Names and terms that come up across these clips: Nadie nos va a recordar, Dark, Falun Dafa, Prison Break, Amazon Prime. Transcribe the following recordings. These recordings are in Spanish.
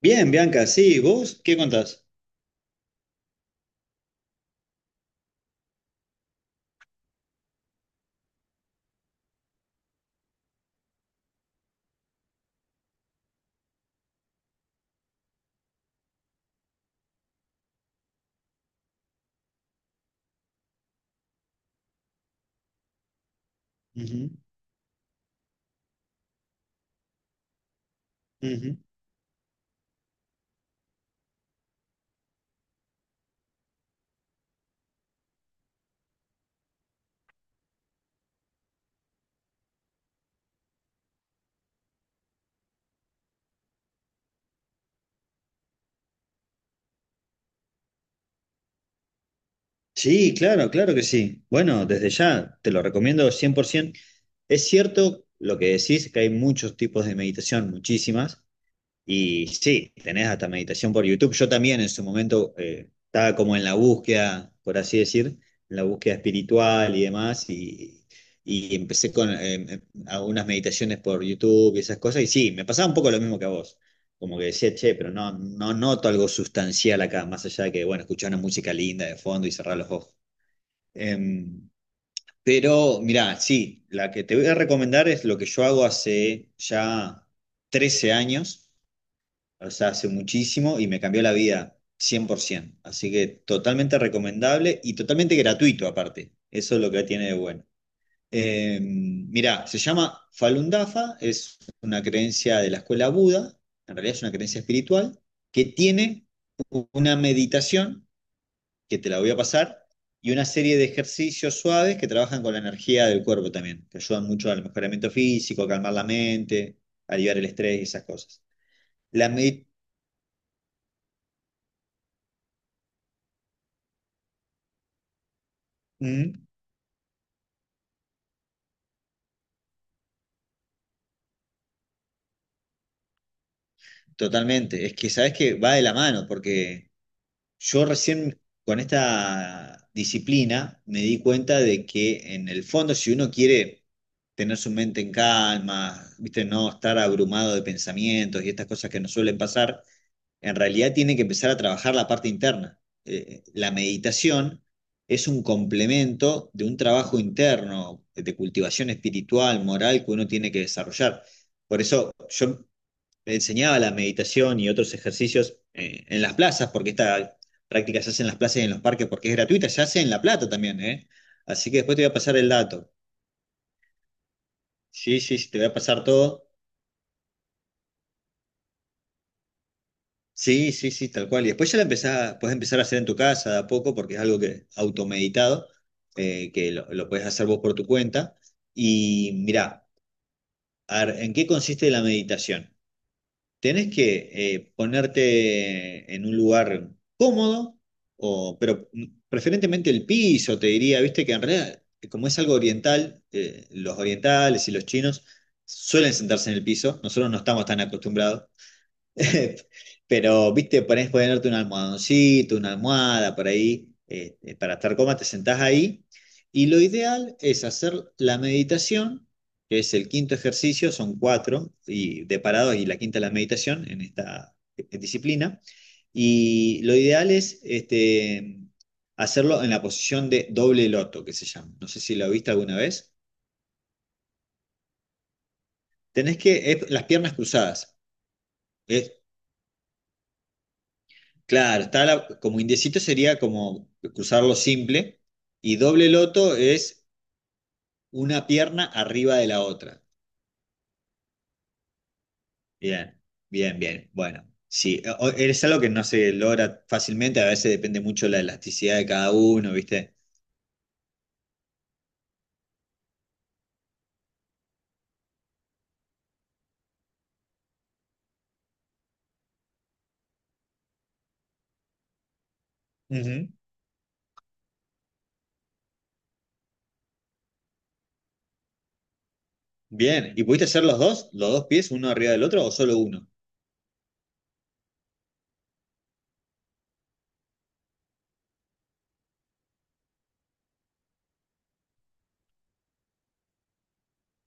Bien, Bianca, sí, ¿vos qué contás? Ujú, ujú. Sí, claro, claro que sí. Bueno, desde ya te lo recomiendo 100%. Es cierto lo que decís, que hay muchos tipos de meditación, muchísimas, y sí, tenés hasta meditación por YouTube. Yo también en su momento estaba como en la búsqueda, por así decir, en la búsqueda espiritual y demás, y empecé con algunas meditaciones por YouTube y esas cosas, y sí, me pasaba un poco lo mismo que a vos. Como que decía, che, pero no, no noto algo sustancial acá, más allá de que, bueno, escuchar una música linda de fondo y cerrar los ojos. Em, pero mirá, sí, la que te voy a recomendar es lo que yo hago hace ya 13 años, o sea, hace muchísimo y me cambió la vida 100%. Así que totalmente recomendable y totalmente gratuito aparte. Eso es lo que tiene de bueno. Mirá, se llama Falun Dafa, es una creencia de la escuela Buda, en realidad es una creencia espiritual, que tiene una meditación, que te la voy a pasar, y una serie de ejercicios suaves que trabajan con la energía del cuerpo también, que ayudan mucho al mejoramiento físico, calmar la mente, aliviar el estrés y esas cosas. La meditación... Totalmente, es que sabes que va de la mano, porque yo recién con esta disciplina me di cuenta de que en el fondo si uno quiere tener su mente en calma, viste, no estar abrumado de pensamientos y estas cosas que nos suelen pasar, en realidad tiene que empezar a trabajar la parte interna. La meditación es un complemento de un trabajo interno, de cultivación espiritual, moral que uno tiene que desarrollar. Por eso yo me enseñaba la meditación y otros ejercicios en las plazas, porque esta práctica se hace en las plazas y en los parques porque es gratuita, se hace en La Plata también, ¿eh? Así que después te voy a pasar el dato. Sí, sí, sí, te voy a pasar todo. Sí, sí, sí, tal cual. Y después ya la empezás, puedes empezar a hacer en tu casa de a poco, porque es algo que automeditado, que lo puedes hacer vos por tu cuenta. Y mirá, a ver, ¿en qué consiste la meditación? Tenés que ponerte en un lugar cómodo, pero preferentemente el piso, te diría, viste que en realidad, como es algo oriental, los orientales y los chinos suelen sentarse en el piso, nosotros no estamos tan acostumbrados. Pero, viste, ponés, ponerte un almohadoncito, una almohada por ahí, para estar cómoda, te sentás ahí. Y lo ideal es hacer la meditación, que es el quinto ejercicio, son cuatro, y de parados, y la quinta es la meditación en esta disciplina. Y lo ideal es este, hacerlo en la posición de doble loto, que se llama. No sé si lo viste alguna vez. Tenés que, es las piernas cruzadas. Es Claro, como indiecito sería como cruzarlo simple, y doble loto es una pierna arriba de la otra. Bien, bien, bien. Bueno, sí, es algo que no se logra fácilmente, a veces depende mucho la elasticidad de cada uno, ¿viste? Ujú. Bien, ¿y pudiste hacer los dos? ¿Los dos pies, uno arriba del otro o solo uno?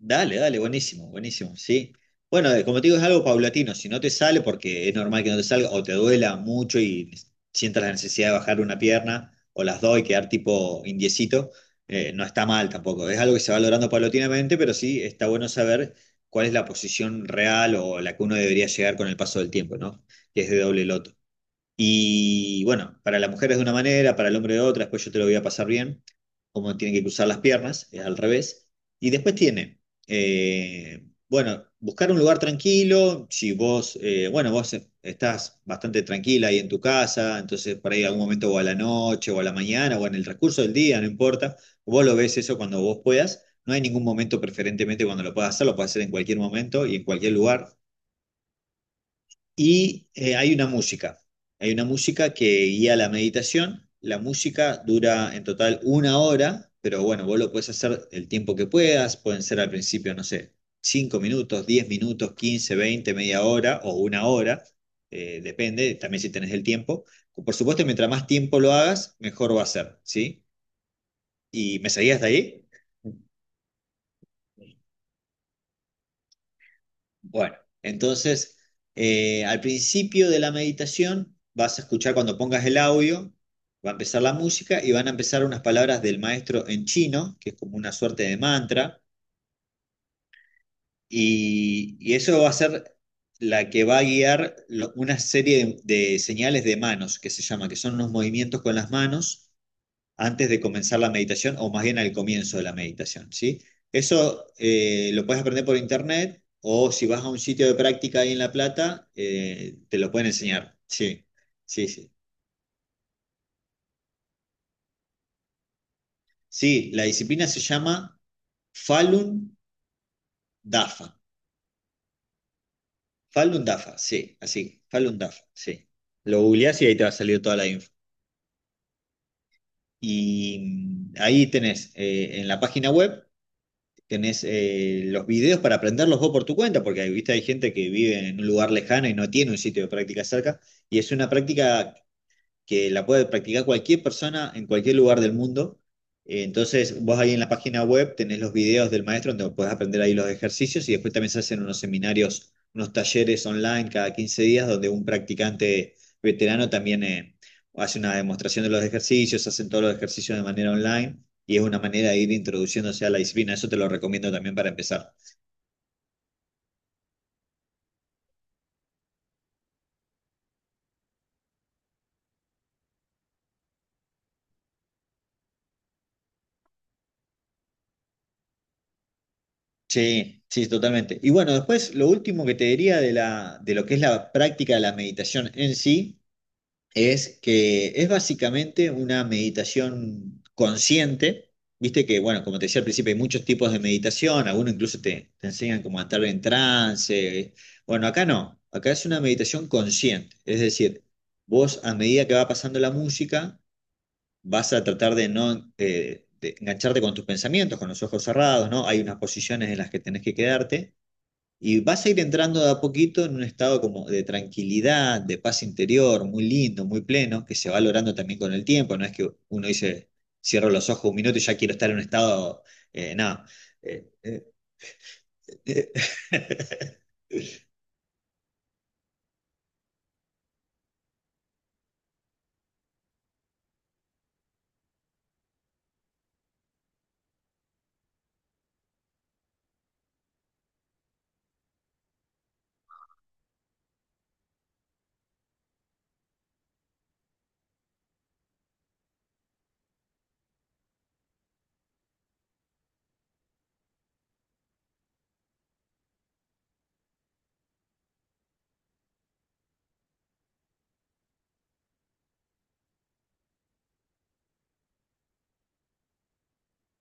Dale, dale, buenísimo, buenísimo, sí. Bueno, como te digo, es algo paulatino. Si no te sale, porque es normal que no te salga, o te duela mucho y sientas la necesidad de bajar una pierna, o las dos y quedar tipo indiecito, no está mal tampoco. Es algo que se va logrando paulatinamente, pero sí está bueno saber cuál es la posición real o la que uno debería llegar con el paso del tiempo, ¿no? Que es de doble loto. Y bueno, para la mujer es de una manera, para el hombre de otra, después yo te lo voy a pasar bien, cómo tienen que cruzar las piernas, es al revés. Y después tiene, bueno, buscar un lugar tranquilo, si vos, bueno, vos estás bastante tranquila ahí en tu casa, entonces por ahí algún momento o a la noche o a la mañana o en el transcurso del día, no importa, vos lo ves eso cuando vos puedas, no hay ningún momento preferentemente cuando lo puedas hacer, lo puedes hacer en cualquier momento y en cualquier lugar. Y hay una música que guía la meditación. La música dura en total una hora, pero bueno, vos lo puedes hacer el tiempo que puedas, pueden ser al principio, no sé, 5 minutos, 10 minutos, 15, 20, media hora o una hora, depende también si tenés el tiempo. Por supuesto, mientras más tiempo lo hagas, mejor va a ser, ¿sí? ¿Y me seguías de ahí? Bueno, entonces, al principio de la meditación vas a escuchar cuando pongas el audio, va a empezar la música y van a empezar unas palabras del maestro en chino, que es como una suerte de mantra, y eso va a ser la que va a guiar una serie de señales de manos, que se llama, que son unos movimientos con las manos antes de comenzar la meditación o más bien al comienzo de la meditación, ¿sí? Eso lo puedes aprender por internet o si vas a un sitio de práctica ahí en La Plata, te lo pueden enseñar. Sí, sí, sí. Sí, la disciplina se llama Falun Dafa. Falun Dafa, sí, así, Falun Dafa, sí. Lo googleás y ahí te va a salir toda la info. Y ahí tenés en la página web tenés los videos para aprenderlos vos por tu cuenta, porque ¿viste? Hay gente que vive en un lugar lejano y no tiene un sitio de práctica cerca, y es una práctica que la puede practicar cualquier persona en cualquier lugar del mundo. Entonces, vos ahí en la página web tenés los videos del maestro donde podés aprender ahí los ejercicios y después también se hacen unos seminarios, unos talleres online cada 15 días donde un practicante veterano también hace una demostración de los ejercicios, hacen todos los ejercicios de manera online y es una manera de ir introduciéndose a la disciplina. Eso te lo recomiendo también para empezar. Sí, sí, totalmente. Y bueno, después lo último que te diría de de lo que es la práctica de la meditación en sí es que es básicamente una meditación consciente. Viste que, bueno, como te decía al principio, hay muchos tipos de meditación, algunos incluso te enseñan como a estar en trance. Bueno, acá no, acá es una meditación consciente, es decir, vos a medida que va pasando la música, vas a tratar de no de engancharte con tus pensamientos, con los ojos cerrados, ¿no? Hay unas posiciones en las que tenés que quedarte y vas a ir entrando de a poquito en un estado como de tranquilidad, de paz interior, muy lindo, muy pleno, que se va logrando también con el tiempo. No es que uno dice, cierro los ojos un minuto y ya quiero estar en un estado. No. Eh, eh, eh.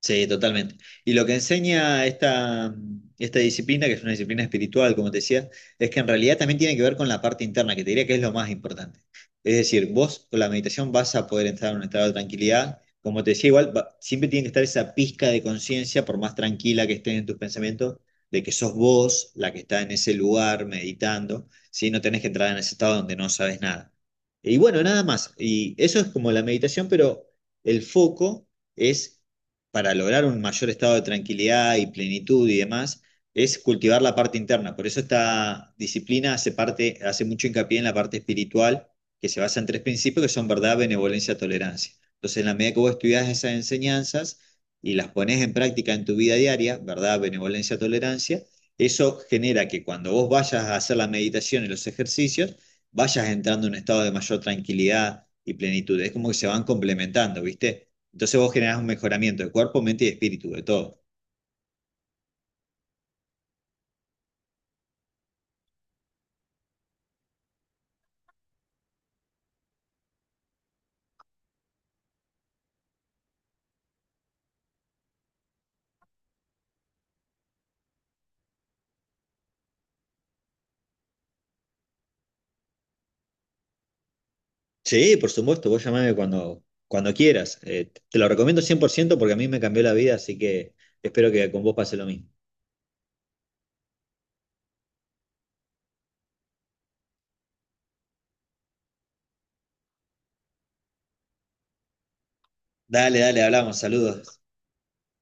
Sí, totalmente. Y lo que enseña esta disciplina, que es una disciplina espiritual, como te decía, es que en realidad también tiene que ver con la parte interna, que te diría que es lo más importante. Es decir, vos con la meditación vas a poder entrar en un estado de tranquilidad. Como te decía, igual siempre tiene que estar esa pizca de conciencia, por más tranquila que estés en tus pensamientos, de que sos vos la que está en ese lugar meditando. Sí, no tenés que entrar en ese estado donde no sabes nada. Y bueno, nada más. Y eso es como la meditación, pero el foco es, para lograr un mayor estado de tranquilidad y plenitud y demás, es cultivar la parte interna. Por eso esta disciplina hace mucho hincapié en la parte espiritual, que se basa en tres principios que son verdad, benevolencia, tolerancia. Entonces, en la medida que vos estudias esas enseñanzas y las pones en práctica en tu vida diaria, verdad, benevolencia, tolerancia, eso genera que cuando vos vayas a hacer la meditación y los ejercicios, vayas entrando en un estado de mayor tranquilidad y plenitud. Es como que se van complementando, ¿viste? Entonces vos generás un mejoramiento de cuerpo, mente y espíritu, de todo. Sí, por supuesto, vos llamame cuando quieras. Te lo recomiendo 100% porque a mí me cambió la vida, así que espero que con vos pase lo mismo. Dale, dale, hablamos, saludos.